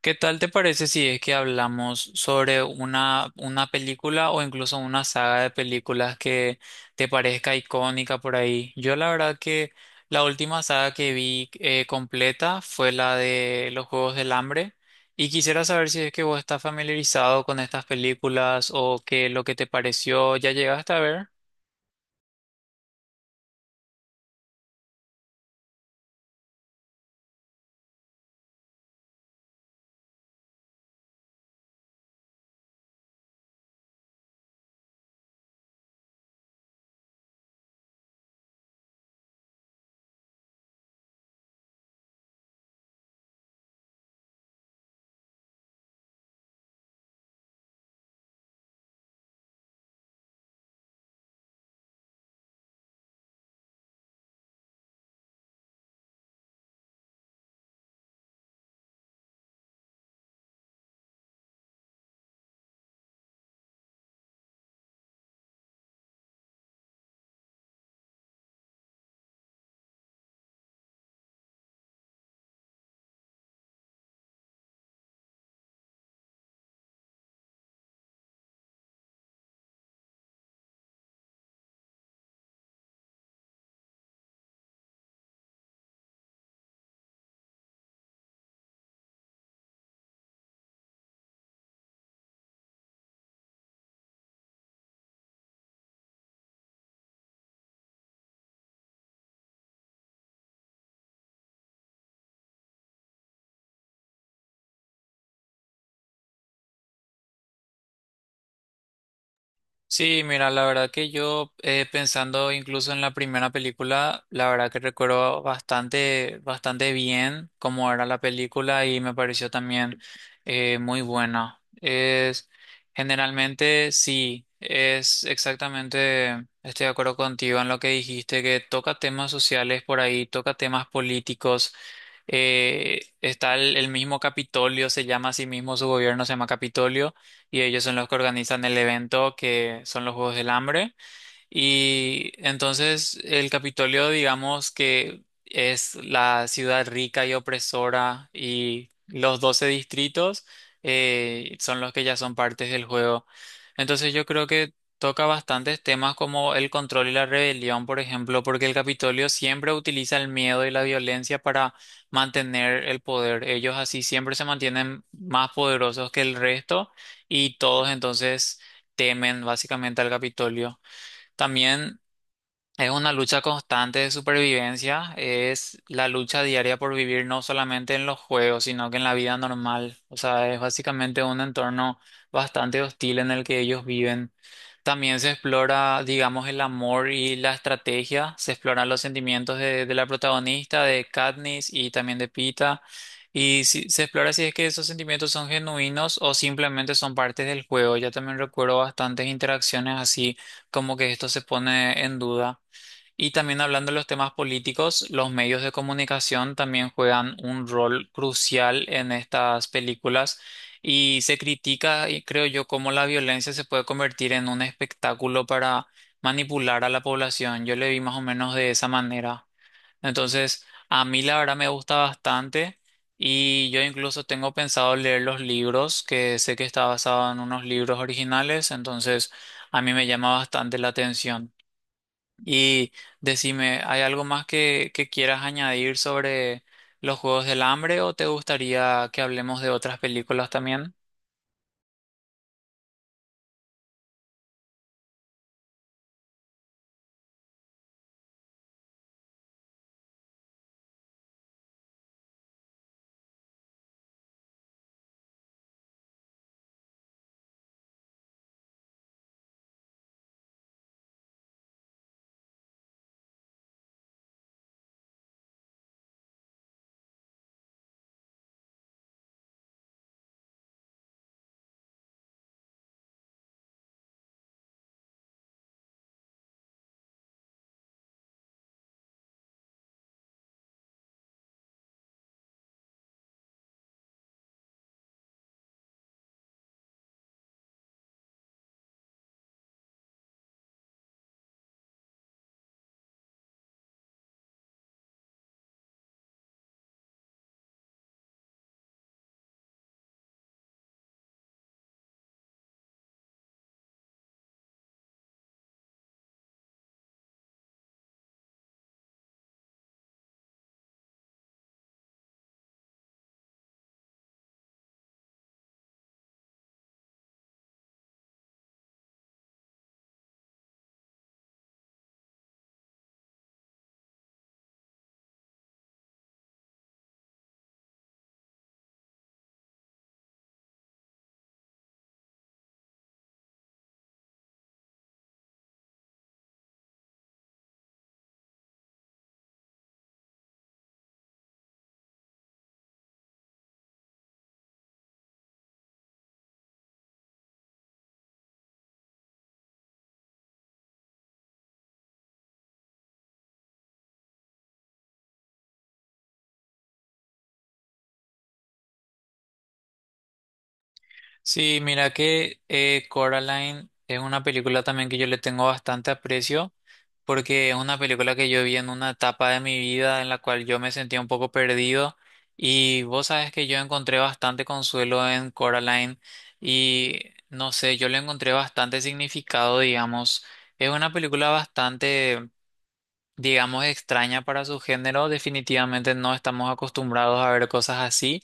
¿Qué tal te parece si es que hablamos sobre una película o incluso una saga de películas que te parezca icónica por ahí? Yo la verdad que la última saga que vi completa fue la de Los Juegos del Hambre y quisiera saber si es que vos estás familiarizado con estas películas o qué es lo que te pareció, ¿ya llegaste a ver? Sí, mira, la verdad que yo pensando incluso en la primera película, la verdad que recuerdo bastante bien cómo era la película y me pareció también muy buena. Es generalmente sí, es exactamente, estoy de acuerdo contigo en lo que dijiste, que toca temas sociales por ahí, toca temas políticos. Está el mismo Capitolio, se llama a sí mismo su gobierno, se llama Capitolio y ellos son los que organizan el evento que son los Juegos del Hambre. Y entonces el Capitolio, digamos que es la ciudad rica y opresora, y los 12 distritos son los que ya son partes del juego. Entonces yo creo que toca bastantes temas como el control y la rebelión, por ejemplo, porque el Capitolio siempre utiliza el miedo y la violencia para mantener el poder. Ellos así siempre se mantienen más poderosos que el resto, y todos entonces temen básicamente al Capitolio. También es una lucha constante de supervivencia, es la lucha diaria por vivir no solamente en los juegos, sino que en la vida normal. O sea, es básicamente un entorno bastante hostil en el que ellos viven. También se explora, digamos, el amor y la estrategia, se exploran los sentimientos de la protagonista, de Katniss y también de Pita. Y se explora si es que esos sentimientos son genuinos o simplemente son partes del juego. Yo también recuerdo bastantes interacciones así, como que esto se pone en duda. Y también hablando de los temas políticos, los medios de comunicación también juegan un rol crucial en estas películas y se critica, y creo yo, cómo la violencia se puede convertir en un espectáculo para manipular a la población. Yo le vi más o menos de esa manera. Entonces, a mí la verdad me gusta bastante y yo incluso tengo pensado leer los libros, que sé que está basado en unos libros originales, entonces a mí me llama bastante la atención. Y decime, ¿hay algo más que quieras añadir sobre los Juegos del Hambre o te gustaría que hablemos de otras películas también? Sí, mira que Coraline es una película también que yo le tengo bastante aprecio porque es una película que yo vi en una etapa de mi vida en la cual yo me sentía un poco perdido, y vos sabes que yo encontré bastante consuelo en Coraline y no sé, yo le encontré bastante significado, digamos. Es una película bastante, digamos, extraña para su género. Definitivamente no estamos acostumbrados a ver cosas así.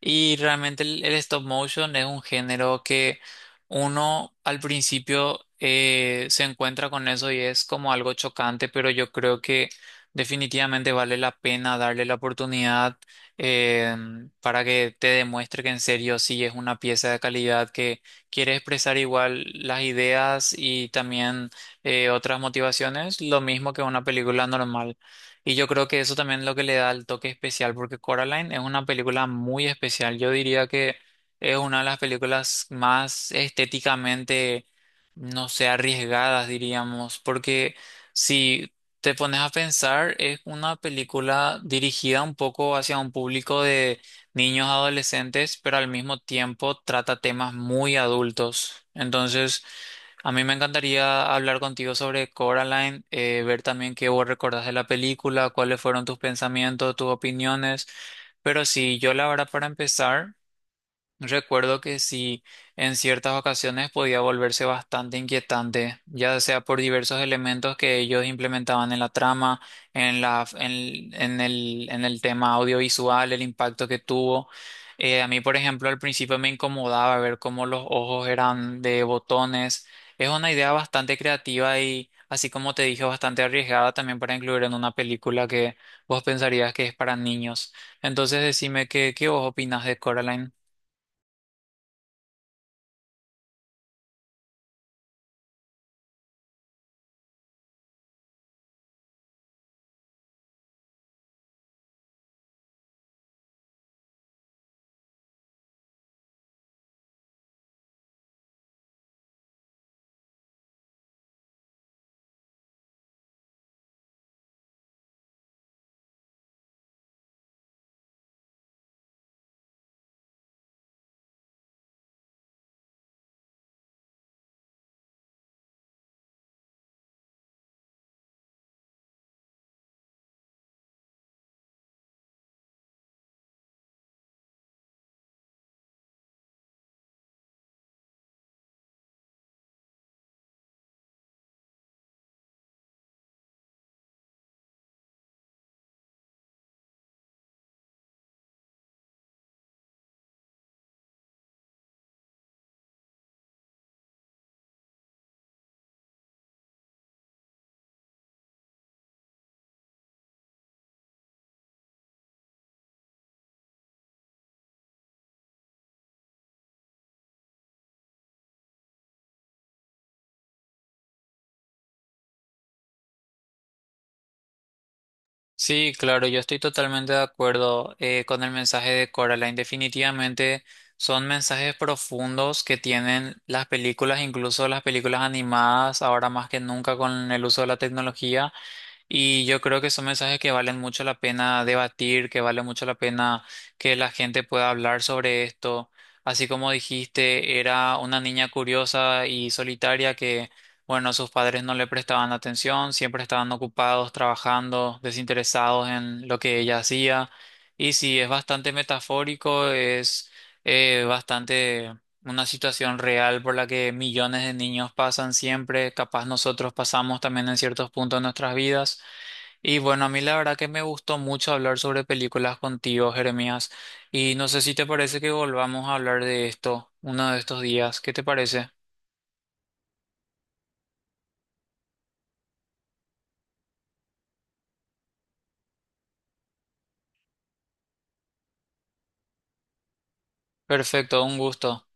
Y realmente el stop motion es un género que uno al principio se encuentra con eso y es como algo chocante, pero yo creo que definitivamente vale la pena darle la oportunidad eh, para que te demuestre que en serio sí es una pieza de calidad que quiere expresar igual las ideas y también otras motivaciones, lo mismo que una película normal. Y yo creo que eso también es lo que le da el toque especial, porque Coraline es una película muy especial. Yo diría que es una de las películas más estéticamente, no sé, arriesgadas, diríamos, porque si te pones a pensar, es una película dirigida un poco hacia un público de niños adolescentes, pero al mismo tiempo trata temas muy adultos. Entonces, a mí me encantaría hablar contigo sobre Coraline, ver también qué vos recordás de la película, cuáles fueron tus pensamientos, tus opiniones. Pero sí, yo la verdad, para empezar, recuerdo que sí, en ciertas ocasiones podía volverse bastante inquietante, ya sea por diversos elementos que ellos implementaban en la trama, en la, en el tema audiovisual, el impacto que tuvo. A mí, por ejemplo, al principio me incomodaba ver cómo los ojos eran de botones. Es una idea bastante creativa y, así como te dije, bastante arriesgada también para incluir en una película que vos pensarías que es para niños. Entonces, decime qué vos opinás de Coraline. Sí, claro, yo estoy totalmente de acuerdo con el mensaje de Coraline. Definitivamente son mensajes profundos que tienen las películas, incluso las películas animadas, ahora más que nunca con el uso de la tecnología. Y yo creo que son mensajes que valen mucho la pena debatir, que vale mucho la pena que la gente pueda hablar sobre esto. Así como dijiste, era una niña curiosa y solitaria que, bueno, sus padres no le prestaban atención, siempre estaban ocupados, trabajando, desinteresados en lo que ella hacía. Y sí, es bastante metafórico, es bastante una situación real por la que millones de niños pasan siempre, capaz nosotros pasamos también en ciertos puntos de nuestras vidas. Y bueno, a mí la verdad que me gustó mucho hablar sobre películas contigo, Jeremías. Y no sé si te parece que volvamos a hablar de esto uno de estos días. ¿Qué te parece? Perfecto, un gusto.